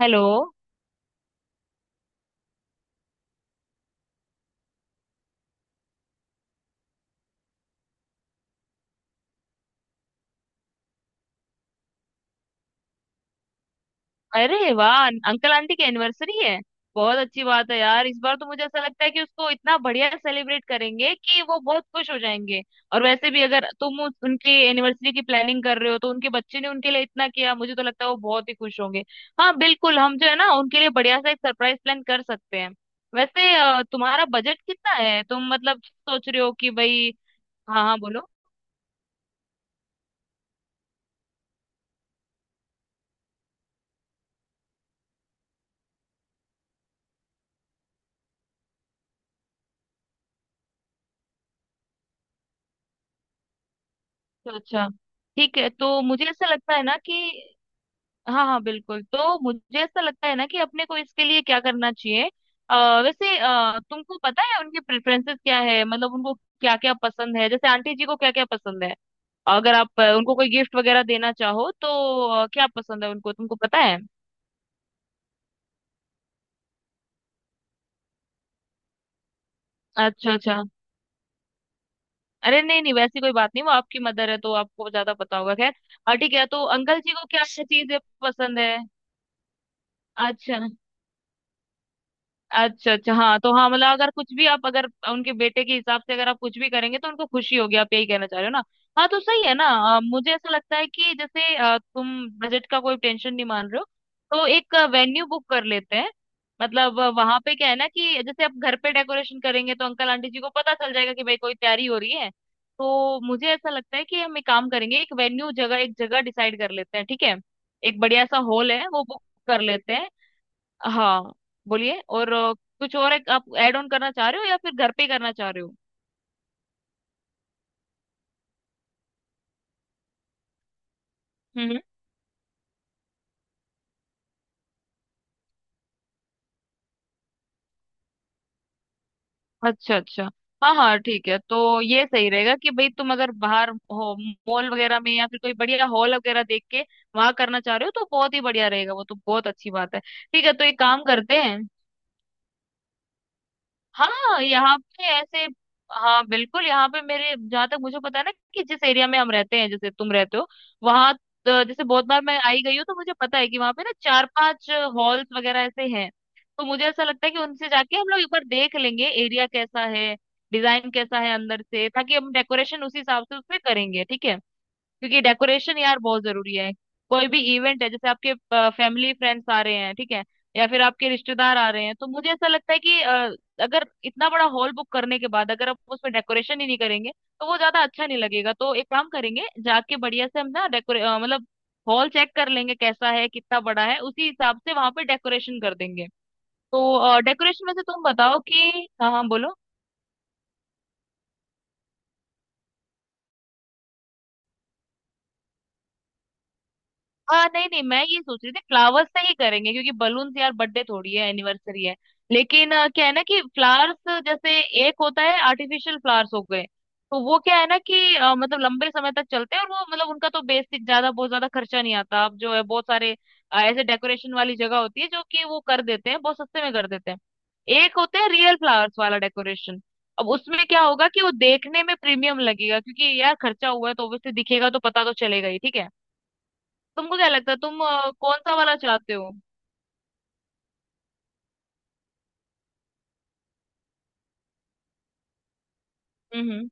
Hello. अरे वाह! Uncle aunty की एनिवर्सरी है। बहुत अच्छी बात है यार। इस बार तो मुझे ऐसा लगता है कि उसको इतना बढ़िया सेलिब्रेट करेंगे कि वो बहुत खुश हो जाएंगे। और वैसे भी अगर तुम उनकी एनिवर्सरी की प्लानिंग कर रहे हो तो उनके बच्चे ने उनके लिए इतना किया, मुझे तो लगता है वो बहुत ही खुश होंगे। हाँ बिल्कुल, हम जो है ना उनके लिए बढ़िया सा एक सरप्राइज प्लान कर सकते हैं। वैसे तुम्हारा बजट कितना है? तुम मतलब सोच रहे हो कि भाई। हाँ हाँ, बोलो। तो अच्छा, ठीक है। तो मुझे ऐसा लगता है ना कि, हाँ हाँ बिल्कुल, तो मुझे ऐसा लगता है ना कि अपने को इसके लिए क्या करना चाहिए। वैसे तुमको पता है उनके प्रेफरेंसेस क्या है? मतलब उनको क्या क्या पसंद है, जैसे आंटी जी को क्या क्या पसंद है? अगर आप उनको कोई गिफ्ट वगैरह देना चाहो तो, क्या पसंद है उनको, तुमको पता है? अच्छा अच्छा। अरे नहीं नहीं, वैसी कोई बात नहीं, वो आपकी मदर है तो आपको ज्यादा पता होगा। खैर। ठीक है, तो अंकल जी को क्या क्या चीजें पसंद है? अच्छा अच्छा अच्छा। हाँ तो हाँ, मतलब अगर कुछ भी आप अगर उनके बेटे के हिसाब से अगर आप कुछ भी करेंगे तो उनको खुशी होगी। आप यही कहना चाह रहे हो ना? हाँ, तो सही है ना। मुझे ऐसा लगता है कि जैसे तुम बजट का कोई टेंशन नहीं मान रहे हो, तो एक वेन्यू बुक कर लेते हैं। मतलब वहां पे क्या है ना कि जैसे आप घर पे डेकोरेशन करेंगे तो अंकल आंटी जी को पता चल जाएगा कि भाई कोई तैयारी हो रही है। तो मुझे ऐसा लगता है कि हम एक काम करेंगे, एक वेन्यू जगह एक जगह डिसाइड कर लेते हैं, ठीक है। एक बढ़िया सा हॉल है, वो बुक कर लेते हैं। हाँ, बोलिए। और कुछ और एक आप ऐड ऑन करना चाह रहे हो या फिर घर पे ही करना चाह रहे हो? हम्म हम्म। अच्छा अच्छा। हाँ हाँ ठीक है। तो ये सही रहेगा कि भाई तुम अगर बाहर हो, मॉल वगैरह में या फिर कोई बढ़िया हॉल वगैरह देख के वहां करना चाह रहे हो तो बहुत ही बढ़िया रहेगा, वो तो बहुत अच्छी बात है। ठीक है, तो एक काम करते हैं। हाँ यहाँ पे ऐसे, हाँ बिल्कुल, यहाँ पे मेरे जहाँ तक मुझे पता है ना कि जिस एरिया में हम रहते हैं, जैसे तुम रहते हो वहाँ। तो जैसे बहुत बार मैं आई गई हूँ तो मुझे पता है कि वहाँ पे ना चार पांच हॉल्स वगैरह ऐसे हैं। तो मुझे ऐसा लगता है कि उनसे जाके हम लोग एक बार देख लेंगे एरिया कैसा है, डिजाइन कैसा है अंदर से, ताकि हम डेकोरेशन उसी हिसाब से उसमें करेंगे, ठीक है। क्योंकि डेकोरेशन यार बहुत जरूरी है। कोई भी इवेंट है, जैसे आपके फैमिली फ्रेंड्स आ रहे हैं, ठीक है, या फिर आपके रिश्तेदार आ रहे हैं तो मुझे ऐसा लगता है कि अगर इतना बड़ा हॉल बुक करने के बाद अगर आप उसमें डेकोरेशन ही नहीं करेंगे तो वो ज्यादा अच्छा नहीं लगेगा। तो एक काम करेंगे जाके बढ़िया से हम ना मतलब हॉल चेक कर लेंगे कैसा है, कितना बड़ा है, उसी हिसाब से वहां पे डेकोरेशन कर देंगे। तो डेकोरेशन में से तुम बताओ कि, हाँ हाँ बोलो। हाँ नहीं नहीं, मैं ये सोच रही थी फ्लावर्स से ही करेंगे क्योंकि बलून, यार बर्थडे थोड़ी है, एनिवर्सरी है। लेकिन क्या है ना कि फ्लावर्स जैसे, एक होता है आर्टिफिशियल फ्लावर्स हो गए। तो वो क्या है ना कि मतलब लंबे समय तक चलते हैं और वो मतलब उनका तो बेसिक ज्यादा बहुत ज्यादा खर्चा नहीं आता, अब जो है बहुत सारे ऐसे डेकोरेशन वाली जगह होती है जो कि वो कर देते हैं, बहुत सस्ते में कर देते हैं। एक होते हैं रियल फ्लावर्स वाला डेकोरेशन। अब उसमें क्या होगा कि वो देखने में प्रीमियम लगेगा क्योंकि यार खर्चा हुआ है तो ऑब्वियसली दिखेगा, तो पता तो चलेगा ही, ठीक है। तुमको क्या लगता है, तुम कौन सा वाला चाहते हो? हम्म।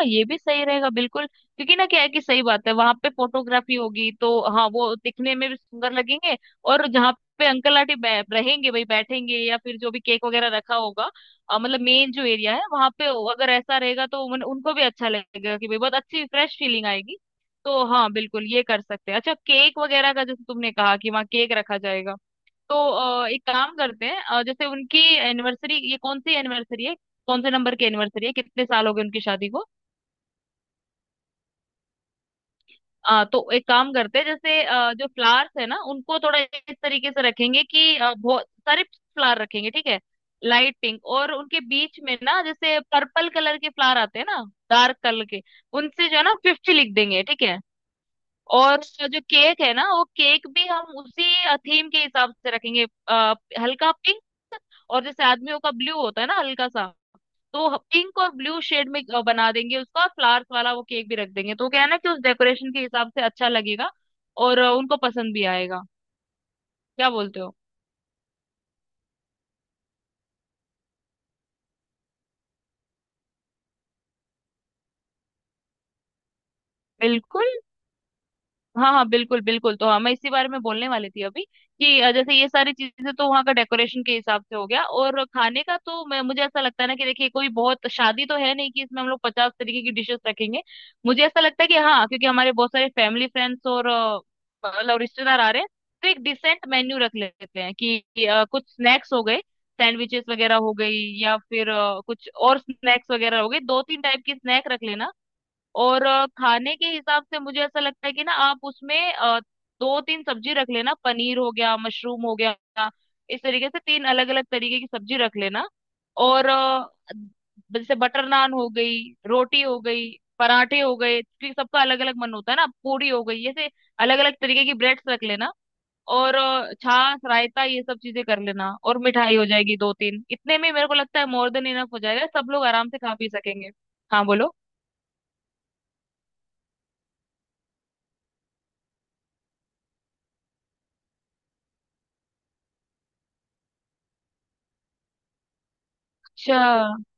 हाँ ये भी सही रहेगा, बिल्कुल, क्योंकि ना क्या है कि सही बात है, वहां पे फोटोग्राफी होगी तो हाँ वो दिखने में भी सुंदर लगेंगे। और जहाँ पे अंकल आंटी रहेंगे, भाई बैठेंगे या फिर जो भी केक वगैरह रखा होगा, मतलब मेन जो एरिया है वहां पे, अगर ऐसा रहेगा तो उनको भी अच्छा लगेगा कि भाई बहुत अच्छी फ्रेश फीलिंग आएगी। तो हाँ बिल्कुल ये कर सकते हैं। अच्छा, केक वगैरह का, जैसे तुमने कहा कि वहाँ केक रखा जाएगा, तो एक काम करते हैं, जैसे उनकी एनिवर्सरी ये कौन सी एनिवर्सरी है? कौन से नंबर की एनिवर्सरी है, कितने साल हो गए उनकी शादी को? तो एक काम करते हैं जैसे जो फ्लावर्स है ना उनको थोड़ा इस तरीके से रखेंगे कि बहुत सारे फ्लावर रखेंगे, ठीक है। लाइट पिंक और उनके बीच में ना जैसे पर्पल कलर के फ्लावर आते हैं ना, डार्क कलर के, उनसे जो है ना 50 लिख देंगे, ठीक है। और जो केक है ना, वो केक भी हम उसी थीम के हिसाब से रखेंगे, हल्का पिंक, और जैसे आदमियों का ब्लू होता है ना, हल्का सा। तो पिंक और ब्लू शेड में बना देंगे उसका, फ्लावर्स वाला वो केक भी रख देंगे, तो क्या है ना कि उस डेकोरेशन के हिसाब से अच्छा लगेगा और उनको पसंद भी आएगा, क्या बोलते हो? बिल्कुल। हाँ हाँ बिल्कुल बिल्कुल, तो हाँ मैं इसी बारे में बोलने वाली थी अभी कि जैसे ये सारी चीजें तो वहाँ का डेकोरेशन के हिसाब से हो गया, और खाने का तो मैं, मुझे ऐसा लगता है ना कि देखिए कोई बहुत शादी तो है नहीं कि इसमें हम लोग 50 तरीके की डिशेस रखेंगे। मुझे ऐसा लगता है कि हाँ, क्योंकि हमारे बहुत सारे फैमिली फ्रेंड्स और मतलब रिश्तेदार आ रहे हैं, तो एक डिसेंट मेन्यू रख लेते हैं कि कुछ स्नैक्स हो गए, सैंडविचेस वगैरह हो गई, या फिर कुछ और स्नैक्स वगैरह हो गए, दो तीन टाइप की स्नैक रख लेना। और खाने के हिसाब से मुझे ऐसा लगता है कि ना आप उसमें दो तीन सब्जी रख लेना, पनीर हो गया, मशरूम हो गया, इस तरीके से तीन अलग अलग तरीके की सब्जी रख लेना। और जैसे बटर नान हो गई, रोटी हो गई, पराठे हो गए क्योंकि सबका अलग अलग मन होता है ना, पूरी हो गई, ऐसे अलग अलग तरीके की ब्रेड्स रख लेना। और छाछ, रायता, ये सब चीजें कर लेना, और मिठाई हो जाएगी दो तीन, इतने में मेरे को लगता है मोर देन इनफ हो जाएगा, सब लोग आराम से खा पी सकेंगे। हाँ बोलो। अच्छा,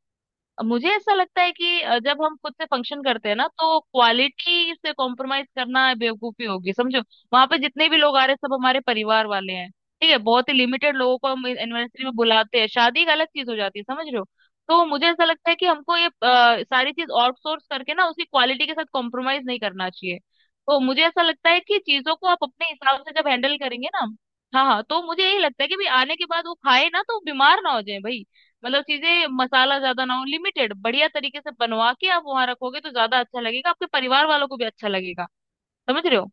मुझे ऐसा लगता है कि जब हम खुद से फंक्शन करते हैं ना तो क्वालिटी से कॉम्प्रोमाइज करना बेवकूफी होगी, समझो। वहां पे जितने भी लोग आ रहे हैं सब हमारे परिवार वाले हैं, ठीक है। बहुत ही लिमिटेड लोगों को हम एनिवर्सरी में बुलाते हैं, शादी एक अलग चीज हो जाती है, समझ रहे हो? तो मुझे ऐसा लगता है कि हमको ये सारी चीज आउटसोर्स करके ना उसकी क्वालिटी के साथ कॉम्प्रोमाइज नहीं करना चाहिए। तो मुझे ऐसा लगता है कि चीजों को आप अपने हिसाब से जब हैंडल करेंगे ना, हाँ हाँ, तो मुझे यही लगता है कि भाई आने के बाद वो खाए ना तो बीमार ना हो जाए भाई। मतलब चीजें मसाला ज्यादा ना हो, लिमिटेड बढ़िया तरीके से बनवा के आप वहां रखोगे तो ज्यादा अच्छा लगेगा, आपके परिवार वालों को भी अच्छा लगेगा, समझ रहे हो?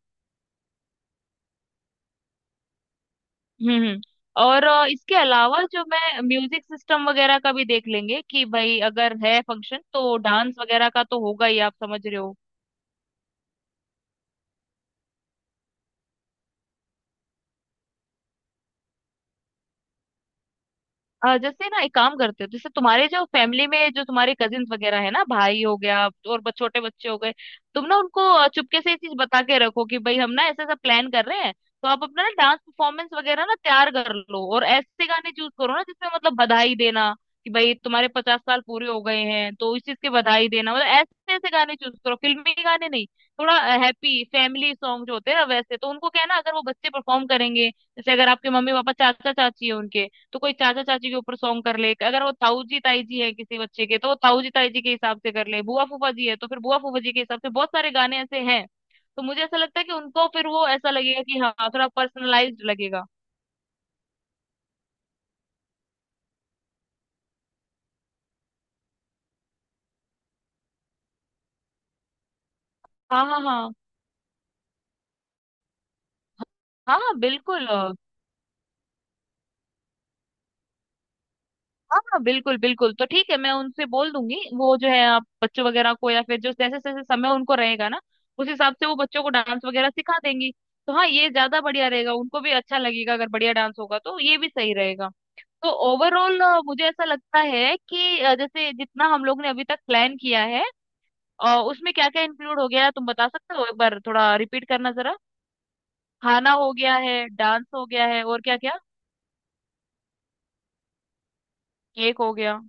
हम्म। और इसके अलावा जो मैं म्यूजिक सिस्टम वगैरह का भी देख लेंगे कि भाई अगर है फंक्शन तो डांस वगैरह का तो होगा ही, आप समझ रहे हो। जैसे ना एक काम करते हो, जैसे तुम्हारे जो फैमिली में, जो तुम्हारे कजिन वगैरह है ना, भाई हो गया और छोटे बच्चे हो गए, तुम ना उनको चुपके से ये चीज बता के रखो कि भाई हम ना ऐसा ऐसा प्लान कर रहे हैं, तो आप अपना ना डांस परफॉर्मेंस वगैरह ना तैयार कर लो और ऐसे गाने चूज करो ना, जिसमें मतलब बधाई देना कि भाई तुम्हारे 50 साल पूरे हो गए हैं तो इस चीज की बधाई देना, मतलब ऐसे ऐसे गाने चूज करो, फिल्मी गाने नहीं। थोड़ा हैप्पी फैमिली सॉन्ग जो होते हैं ना, वैसे तो उनको क्या है ना, अगर वो बच्चे परफॉर्म करेंगे, जैसे अगर आपके मम्मी पापा चाचा चाची है उनके, तो कोई चाचा चाची के ऊपर सॉन्ग कर ले, अगर वो ताऊ जी ताई जी है किसी बच्चे के तो वो ताऊ जी ताई जी के हिसाब से कर ले, बुआ फूफा जी है तो फिर बुआ फूफा जी के हिसाब से, बहुत सारे गाने ऐसे हैं। तो मुझे ऐसा लगता है कि उनको फिर वो ऐसा लगेगा कि हाँ, थोड़ा पर्सनलाइज्ड लगेगा। हाँ हाँ हाँ हाँ हाँ बिल्कुल, हाँ हाँ बिल्कुल बिल्कुल, तो ठीक है, मैं उनसे बोल दूंगी, वो जो है आप बच्चों वगैरह को या फिर जो जैसे जैसे समय उनको रहेगा ना, उस हिसाब से वो बच्चों को डांस वगैरह सिखा देंगी। तो हाँ ये ज्यादा बढ़िया रहेगा, उनको भी अच्छा लगेगा, अगर बढ़िया डांस होगा तो ये भी सही रहेगा। तो ओवरऑल मुझे ऐसा लगता है कि जैसे जितना हम लोग ने अभी तक प्लान किया है, उसमें क्या क्या इंक्लूड हो गया है, तुम बता सकते हो एक बार, थोड़ा रिपीट करना जरा। खाना हो गया है, डांस हो गया है, और क्या क्या? केक हो गया।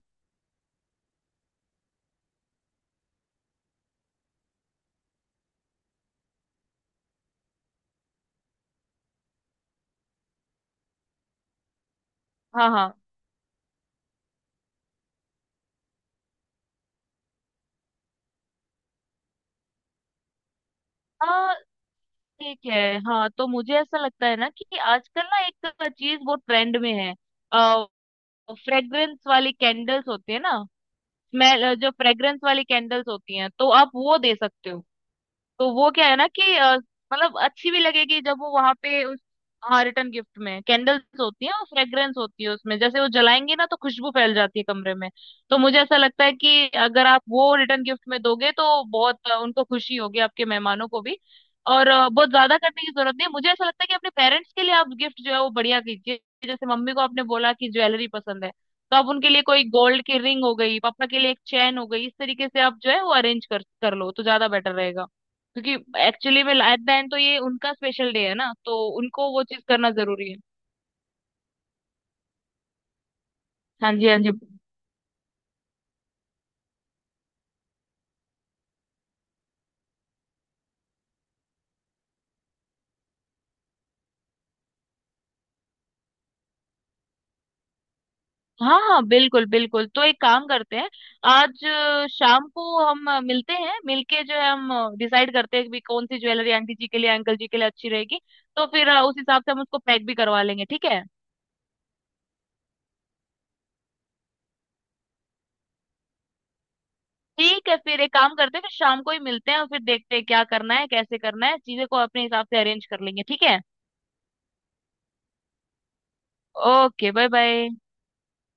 हाँ हाँ हाँ ठीक है। हाँ तो मुझे ऐसा लगता है ना कि आजकल ना एक चीज बहुत ट्रेंड में है। फ्रेग्रेंस वाली कैंडल्स होती है ना, स्मेल, जो फ्रेग्रेंस वाली कैंडल्स होती हैं, तो आप वो दे सकते हो। तो वो क्या है ना कि मतलब अच्छी भी लगेगी जब वो वहां पे उस, हाँ, रिटर्न गिफ्ट में कैंडल्स होती है और फ्रेग्रेंस होती है उसमें, जैसे वो जलाएंगी ना तो खुशबू फैल जाती है कमरे में। तो मुझे ऐसा लगता है कि अगर आप वो रिटर्न गिफ्ट में दोगे तो बहुत उनको खुशी होगी, आपके मेहमानों को भी। और बहुत ज्यादा करने की जरूरत नहीं है, मुझे ऐसा लगता है कि अपने पेरेंट्स के लिए आप गिफ्ट जो है वो बढ़िया कीजिए। जैसे मम्मी को आपने बोला कि ज्वेलरी पसंद है, तो आप उनके लिए कोई गोल्ड की रिंग हो गई, पापा के लिए एक चैन हो गई, इस तरीके से आप जो है वो अरेंज कर कर लो तो ज्यादा बेटर रहेगा। क्योंकि एक्चुअली में एट द एंड तो ये उनका स्पेशल डे है ना, तो उनको वो चीज करना जरूरी है। हाँ जी हाँ जी। हाँ हाँ बिल्कुल बिल्कुल, तो एक काम करते हैं, आज शाम को हम मिलते हैं, मिलके जो है हम डिसाइड करते हैं कि भी कौन सी ज्वेलरी आंटी जी के लिए, अंकल जी के लिए अच्छी रहेगी। तो फिर उस हिसाब से हम उसको पैक भी करवा लेंगे, ठीक है। ठीक है, फिर एक काम करते हैं, फिर शाम को ही मिलते हैं और फिर देखते हैं क्या करना है, कैसे करना है, चीजें को अपने हिसाब से अरेंज कर लेंगे, ठीक है। Okay, bye bye.